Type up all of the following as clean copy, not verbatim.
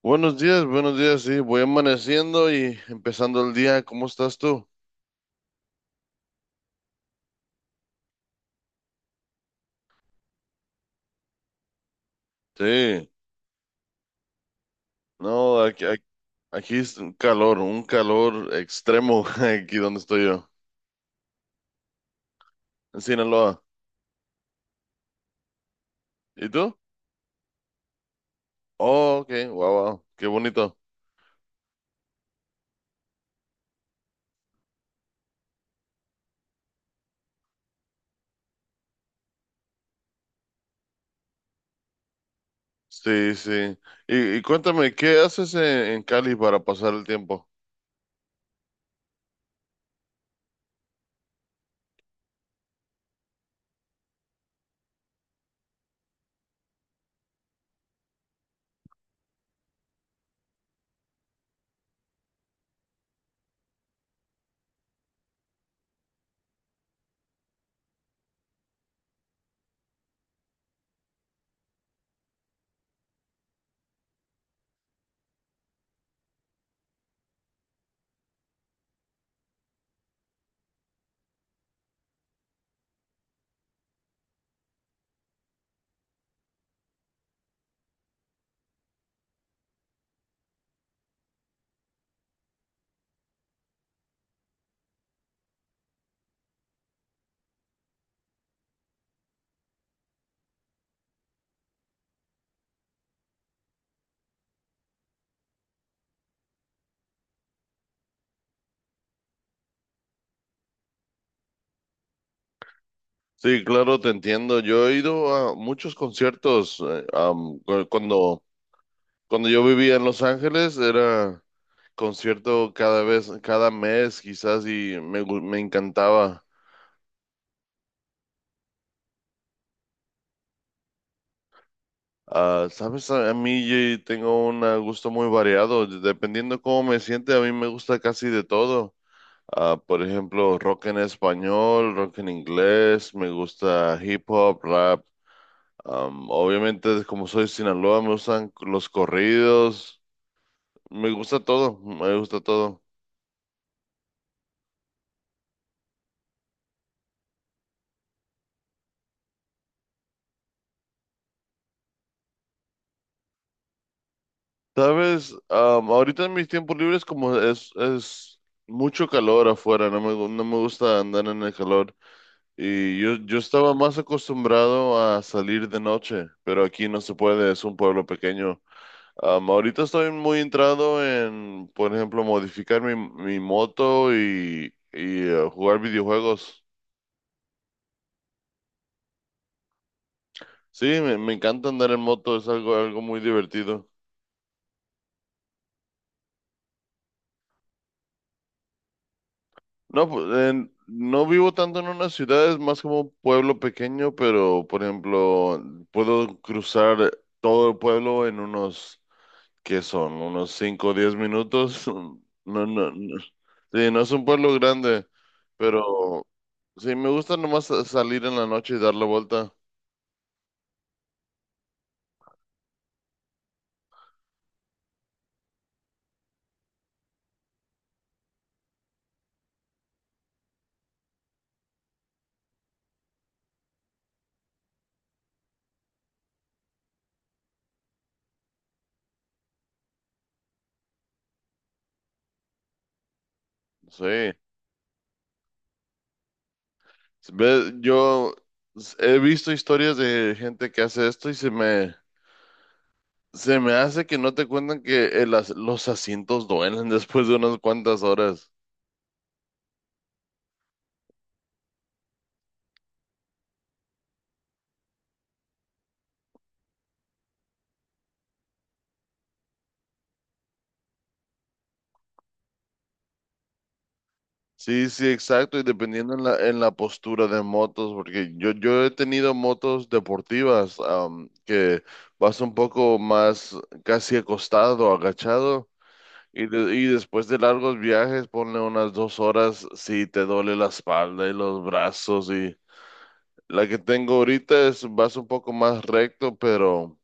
Buenos días, sí, voy amaneciendo y empezando el día, ¿cómo estás tú? Sí, no, aquí es un calor extremo aquí donde estoy yo, en Sinaloa. ¿Y tú? Oh, ok, wow, wow, qué bonito. Sí, sí. Y cuéntame, ¿qué haces en Cali para pasar el tiempo? Sí, claro, te entiendo. Yo he ido a muchos conciertos. Cuando yo vivía en Los Ángeles, era concierto cada vez, cada mes quizás, y me encantaba. Ah, sabes, a mí tengo un gusto muy variado, dependiendo cómo me siente, a mí me gusta casi de todo. Ah, por ejemplo, rock en español, rock en inglés, me gusta hip hop, rap. Obviamente, como soy de Sinaloa, me gustan los corridos, me gusta todo, me gusta todo. Sabes, ahorita en mis tiempos libres, como es mucho calor afuera, no me gusta andar en el calor. Y yo estaba más acostumbrado a salir de noche, pero aquí no se puede, es un pueblo pequeño. Ahorita estoy muy entrado en, por ejemplo, modificar mi moto y jugar videojuegos. Sí, me encanta andar en moto, es algo, algo muy divertido. No, pues no vivo tanto en una ciudad, es más como un pueblo pequeño, pero por ejemplo, puedo cruzar todo el pueblo en unos, ¿qué son? Unos 5 o 10 minutos. No, no, no. Sí, no es un pueblo grande, pero sí, me gusta nomás salir en la noche y dar la vuelta. Sí, yo he visto historias de gente que hace esto, y se me hace que no te cuentan que los asientos duelen después de unas cuantas horas. Sí, sí, exacto, y dependiendo en la postura de motos, porque yo he tenido motos deportivas que vas un poco más casi acostado, agachado, y después de largos viajes, ponle unas 2 horas, sí, te duele la espalda y los brazos, y la que tengo ahorita es, vas un poco más recto, pero.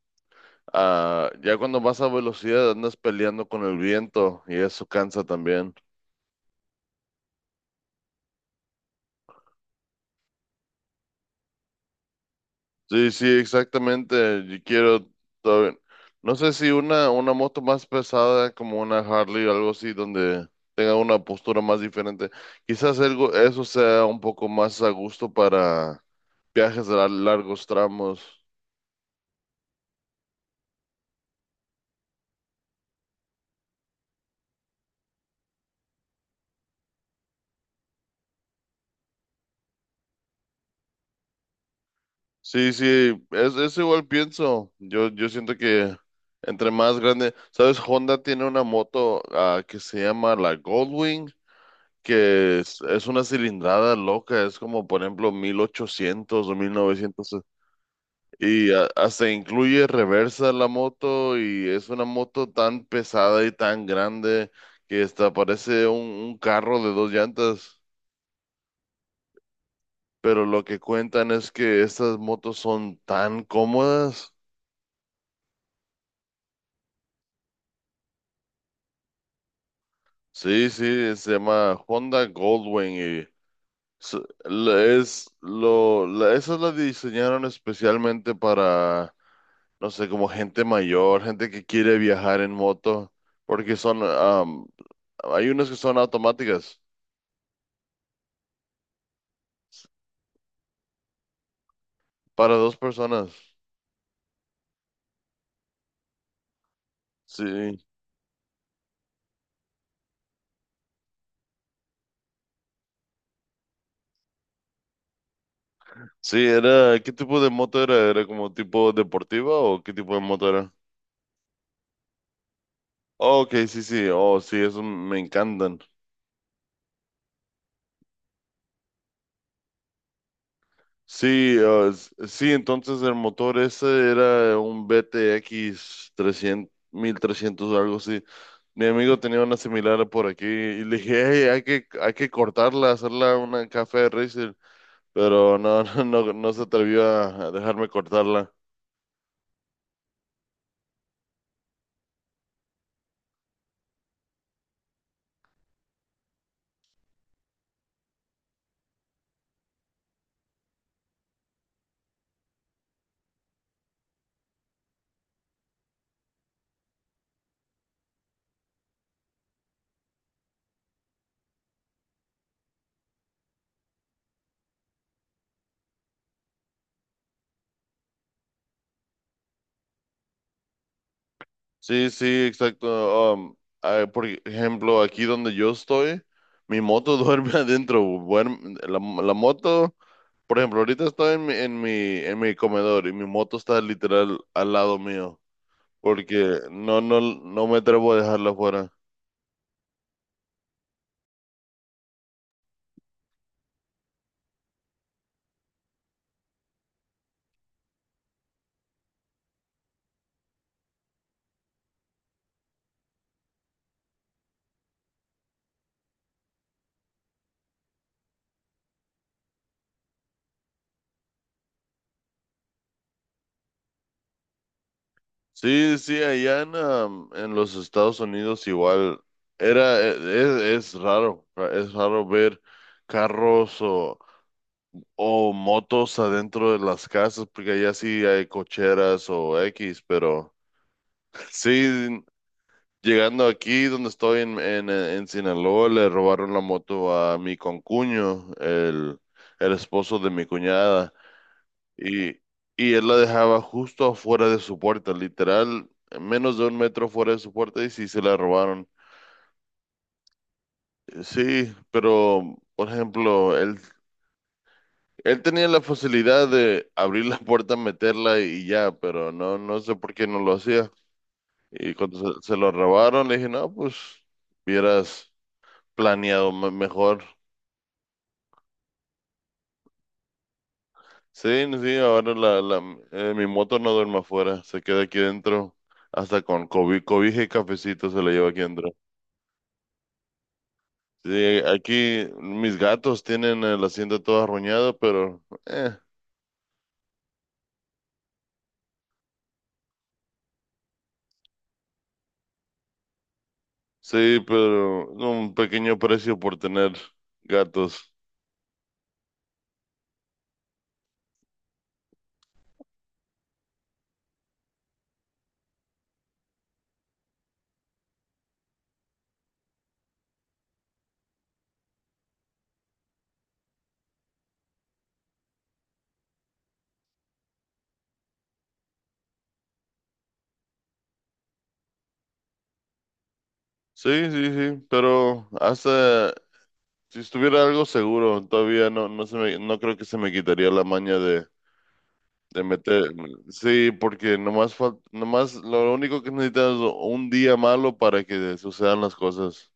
Ah, ya cuando vas a velocidad andas peleando con el viento y eso cansa también. Sí, sí, exactamente. Yo quiero todavía. No sé si una moto más pesada como una Harley o algo así donde tenga una postura más diferente. Quizás algo, eso sea un poco más a gusto para viajes a largos tramos. Sí, sí, es igual pienso. Yo siento que entre más grande, ¿sabes? Honda tiene una moto que se llama la Goldwing. Que es una cilindrada loca, es como por ejemplo 1800 o 1900, y hasta incluye reversa la moto, y es una moto tan pesada y tan grande que hasta parece un carro de dos llantas. Pero lo que cuentan es que estas motos son tan cómodas. Sí, sí, se llama Honda Goldwing, y s- esa la diseñaron especialmente para, no sé, como gente mayor, gente que quiere viajar en moto, porque son, hay unas que son automáticas, para dos personas. Sí, sí, era, ¿qué tipo de moto era? ¿Era como tipo deportiva o qué tipo de moto era? Oh, ok, sí, sí, oh, sí, eso me encantan. Sí, sí, entonces el motor ese era un BTX 300, 1300 o algo así. Mi amigo tenía una similar por aquí y le dije, hey, hay que cortarla, hacerla una café racer, pero no, no, no, no se atrevió a dejarme cortarla. Sí, sí, exacto. Por ejemplo, aquí donde yo estoy, mi moto duerme adentro. Duerme- la moto Por ejemplo, ahorita estoy en mi, comedor, y mi moto está literal al lado mío, porque no, no, no me atrevo a dejarla afuera. Sí, sí, allá en los Estados Unidos, igual es raro, es raro ver carros o motos adentro de las casas, porque allá sí hay cocheras o X, pero sí. Llegando aquí donde estoy en Sinaloa, le robaron la moto a mi concuño, el esposo de mi cuñada, y, y él la dejaba justo afuera de su puerta, literal, menos de un metro fuera de su puerta, y sí se la robaron. Sí, pero, por ejemplo, él tenía la facilidad de abrir la puerta, meterla y ya, pero no, no sé por qué no lo hacía. Y cuando se lo robaron, le dije, no, pues, hubieras planeado mejor. Sí, no, sí, ahora mi moto no duerme afuera, se queda aquí dentro, hasta con cobija y cafecito se la lleva aquí dentro. Sí, aquí mis gatos tienen el asiento todo arruñado, pero sí, pero un pequeño precio por tener gatos. Sí, sí, sí, pero hasta si estuviera algo seguro, todavía no, no creo que se me quitaría la maña de, meter. Sí, porque nomás, nomás lo único que necesitas es un día malo para que sucedan las cosas.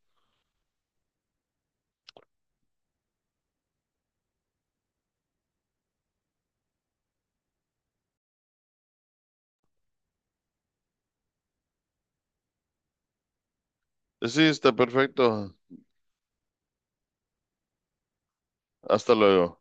Sí, está perfecto. Hasta luego.